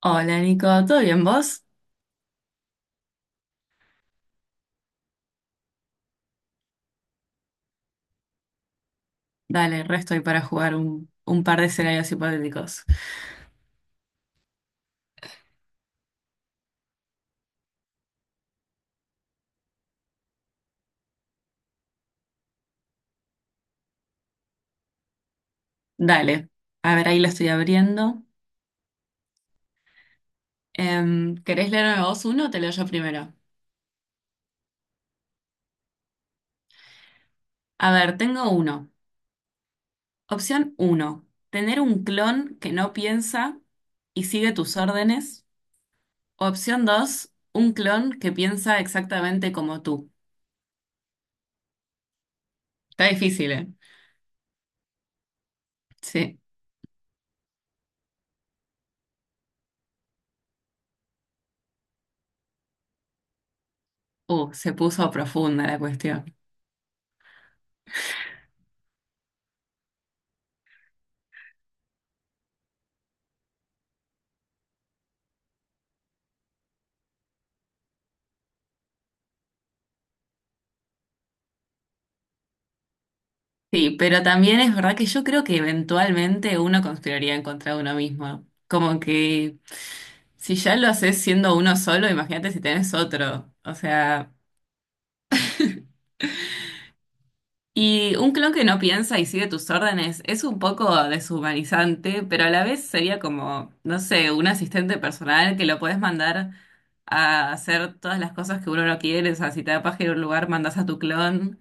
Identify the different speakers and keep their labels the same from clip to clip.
Speaker 1: Hola Nico, ¿todo bien vos? Dale, resto ahí para jugar un par de escenarios hipotéticos. Dale, a ver, ahí lo estoy abriendo. ¿Querés leerme vos uno o te leo yo primero? A ver, tengo uno. Opción uno, tener un clon que no piensa y sigue tus órdenes. Opción dos, un clon que piensa exactamente como tú. Está difícil, ¿eh? Sí. Se puso profunda la cuestión. Sí, pero también es verdad que yo creo que eventualmente uno conspiraría en contra de uno mismo. Como que si ya lo haces siendo uno solo, imagínate si tenés otro. O sea, y un clon que no piensa y sigue tus órdenes es un poco deshumanizante, pero a la vez sería como, no sé, un asistente personal que lo puedes mandar a hacer todas las cosas que uno no quiere. O sea, si te da paja ir a un lugar, mandas a tu clon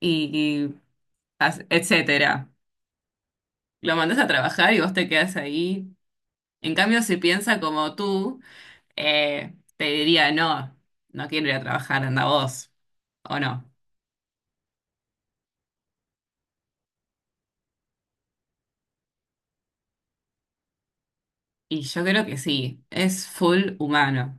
Speaker 1: y, y, etcétera. Lo mandas a trabajar y vos te quedas ahí. En cambio, si piensa como tú, te diría, no, no quiero ir a trabajar, anda vos, ¿o no? Y yo creo que sí, es full humano.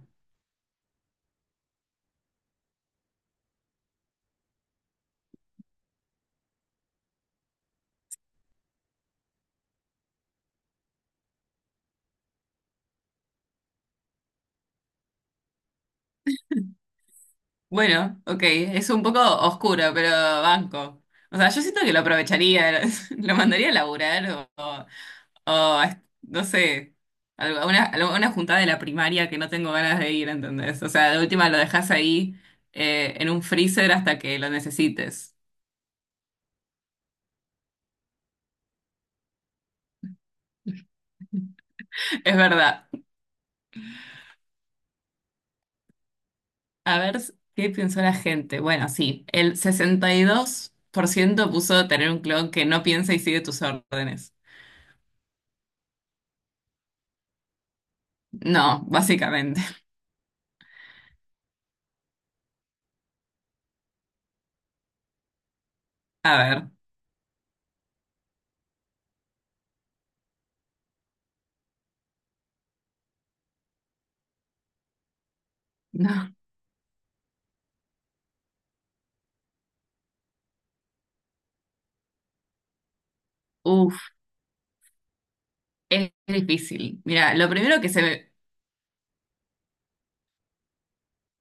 Speaker 1: Bueno, ok, es un poco oscuro, pero banco. O sea, yo siento que lo aprovecharía, lo mandaría a laburar o a no sé, a una juntada de la primaria que no tengo ganas de ir, ¿entendés? O sea, de última lo dejas ahí en un freezer hasta que lo necesites. Es verdad. A ver qué pensó la gente. Bueno, sí, el 62% puso tener un clon que no piensa y sigue tus órdenes. No, básicamente. A ver, no. Uf, es difícil. Mira, lo primero que se me...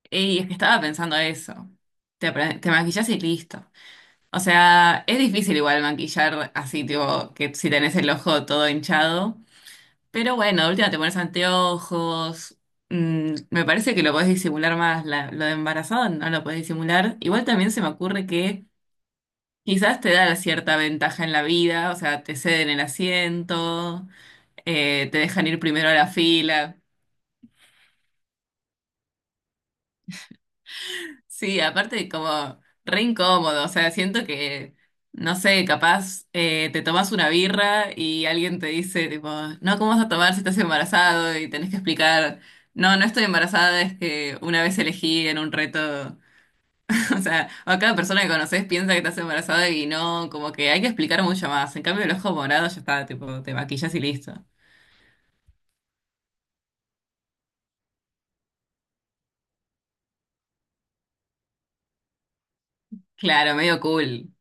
Speaker 1: Ey, es que estaba pensando eso. Te maquillas y listo. O sea, es difícil igual maquillar así, tipo, que si tenés el ojo todo hinchado. Pero bueno, de última te pones anteojos. Mm, me parece que lo podés disimular más. Lo de embarazado no lo podés disimular. Igual también se me ocurre que quizás te da cierta ventaja en la vida. O sea, te ceden el asiento, te dejan ir primero a la fila. Sí, aparte como re incómodo, o sea, siento que, no sé, capaz te tomas una birra y alguien te dice, tipo, no, ¿cómo vas a tomar si estás embarazado? Y tenés que explicar, no, no estoy embarazada, es que una vez elegí en un reto, o sea, o cada persona que conoces piensa que estás embarazada y no, como que hay que explicar mucho más. En cambio, el ojo morado ya está, tipo, te maquillas y listo. Claro, medio cool.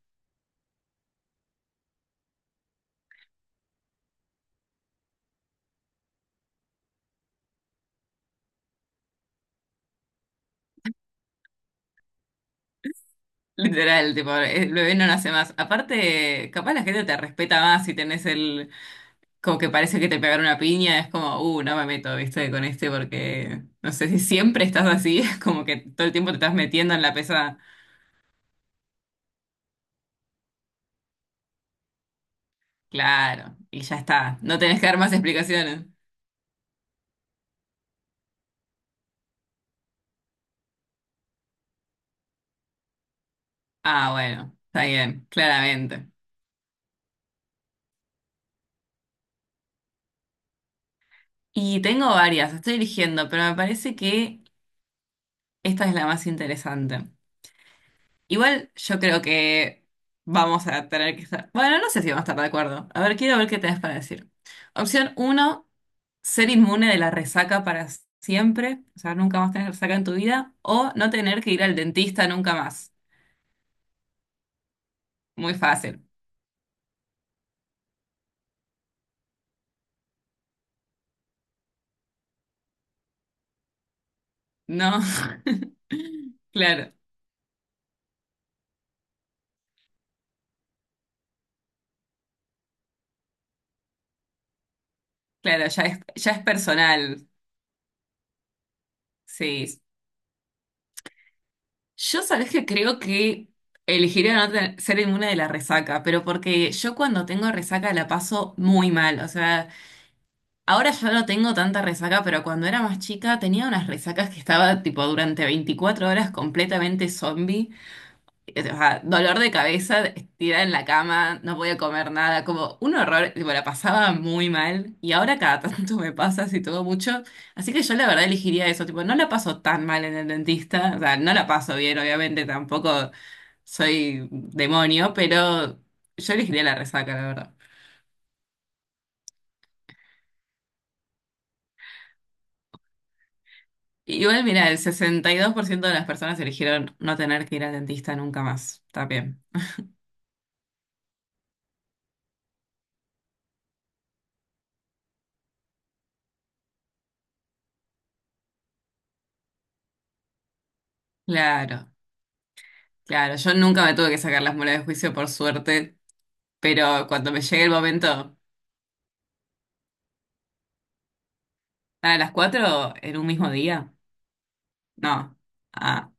Speaker 1: Literal, tipo, el bebé no nace más. Aparte, capaz la gente te respeta más si tenés el como que parece que te pegaron una piña, es como, no me meto, viste, con este porque, no sé, si siempre estás así, es como que todo el tiempo te estás metiendo en la pesada. Claro, y ya está, no tenés que dar más explicaciones. Ah, bueno, está bien, claramente. Y tengo varias, estoy eligiendo, pero me parece que esta es la más interesante. Igual yo creo que vamos a tener que estar. Bueno, no sé si vamos a estar de acuerdo. A ver, quiero ver qué tenés para decir. Opción uno ser inmune de la resaca para siempre. O sea, nunca más tener resaca en tu vida. O no tener que ir al dentista nunca más. Muy fácil. No. Claro, claro, ya es personal. Sí. Yo sabés que creo que elegiría no tener- ser inmune de la resaca, pero porque yo cuando tengo resaca la paso muy mal. O sea. Ahora ya no tengo tanta resaca, pero cuando era más chica tenía unas resacas que estaba tipo durante 24 horas completamente zombie. O sea, dolor de cabeza, estirada en la cama, no podía comer nada, como un horror, tipo, la pasaba muy mal. Y ahora cada tanto me pasa así todo mucho. Así que yo la verdad elegiría eso, tipo, no la paso tan mal en el dentista, o sea, no la paso bien, obviamente tampoco soy demonio, pero yo elegiría la resaca, la verdad. Igual, mira, el 62% de las personas eligieron no tener que ir al dentista nunca más. Está bien. Claro, claro. Yo nunca me tuve que sacar las muelas de juicio, por suerte, pero cuando me llegue el momento, a las 4 en un mismo día. No. Ah,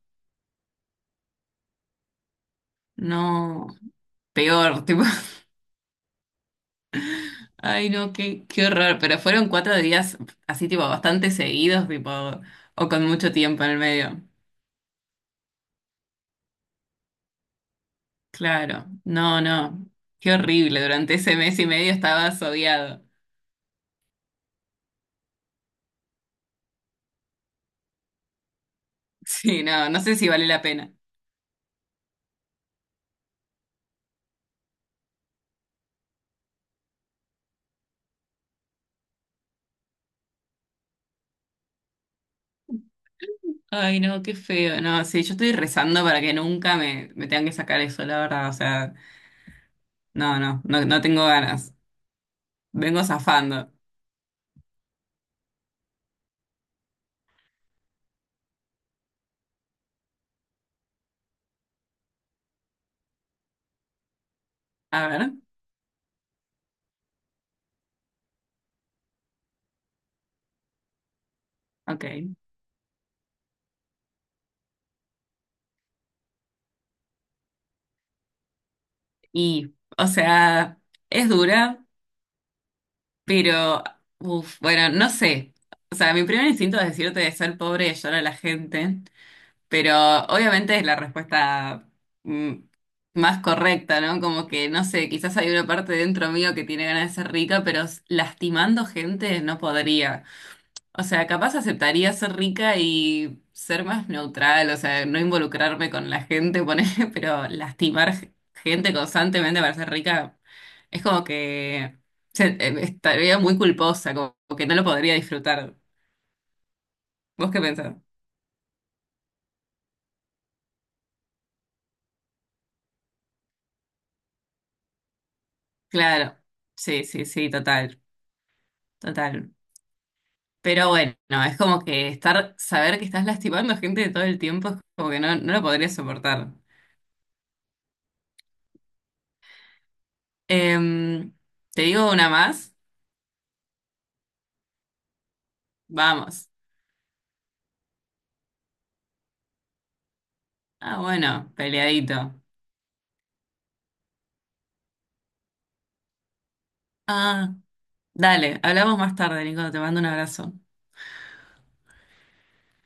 Speaker 1: no. Peor, tipo. Ay, no, qué horror. Pero fueron cuatro días así, tipo, bastante seguidos, tipo, o con mucho tiempo en el medio. Claro. No, no. Qué horrible. Durante ese mes y medio estabas odiado. Sí, no, no sé si vale la pena. Ay, no, qué feo. No, sí, yo estoy rezando para que nunca me tengan que sacar eso, la verdad. O sea, no, no, no, no tengo ganas. Vengo zafando. A ver, ok. Y, o sea, es dura, pero, uf, bueno, no sé. O sea, mi primer instinto es decirte de ser pobre y ayudar a la gente, pero obviamente es la respuesta mm, más correcta, ¿no? Como que, no sé, quizás hay una parte dentro mío que tiene ganas de ser rica, pero lastimando gente no podría. O sea, capaz aceptaría ser rica y ser más neutral, o sea, no involucrarme con la gente, ponele, pero lastimar gente constantemente para ser rica es como que estaría muy culposa, como que no lo podría disfrutar. ¿Vos qué pensás? Claro, sí, sí, sí, total, total. Pero bueno, es como que estar, saber que estás lastimando gente todo el tiempo es como que no, no lo podría soportar. Em, ¿Te digo una más? Vamos. Ah, bueno, peleadito. Ah, dale, hablamos más tarde, Nico, te mando un abrazo.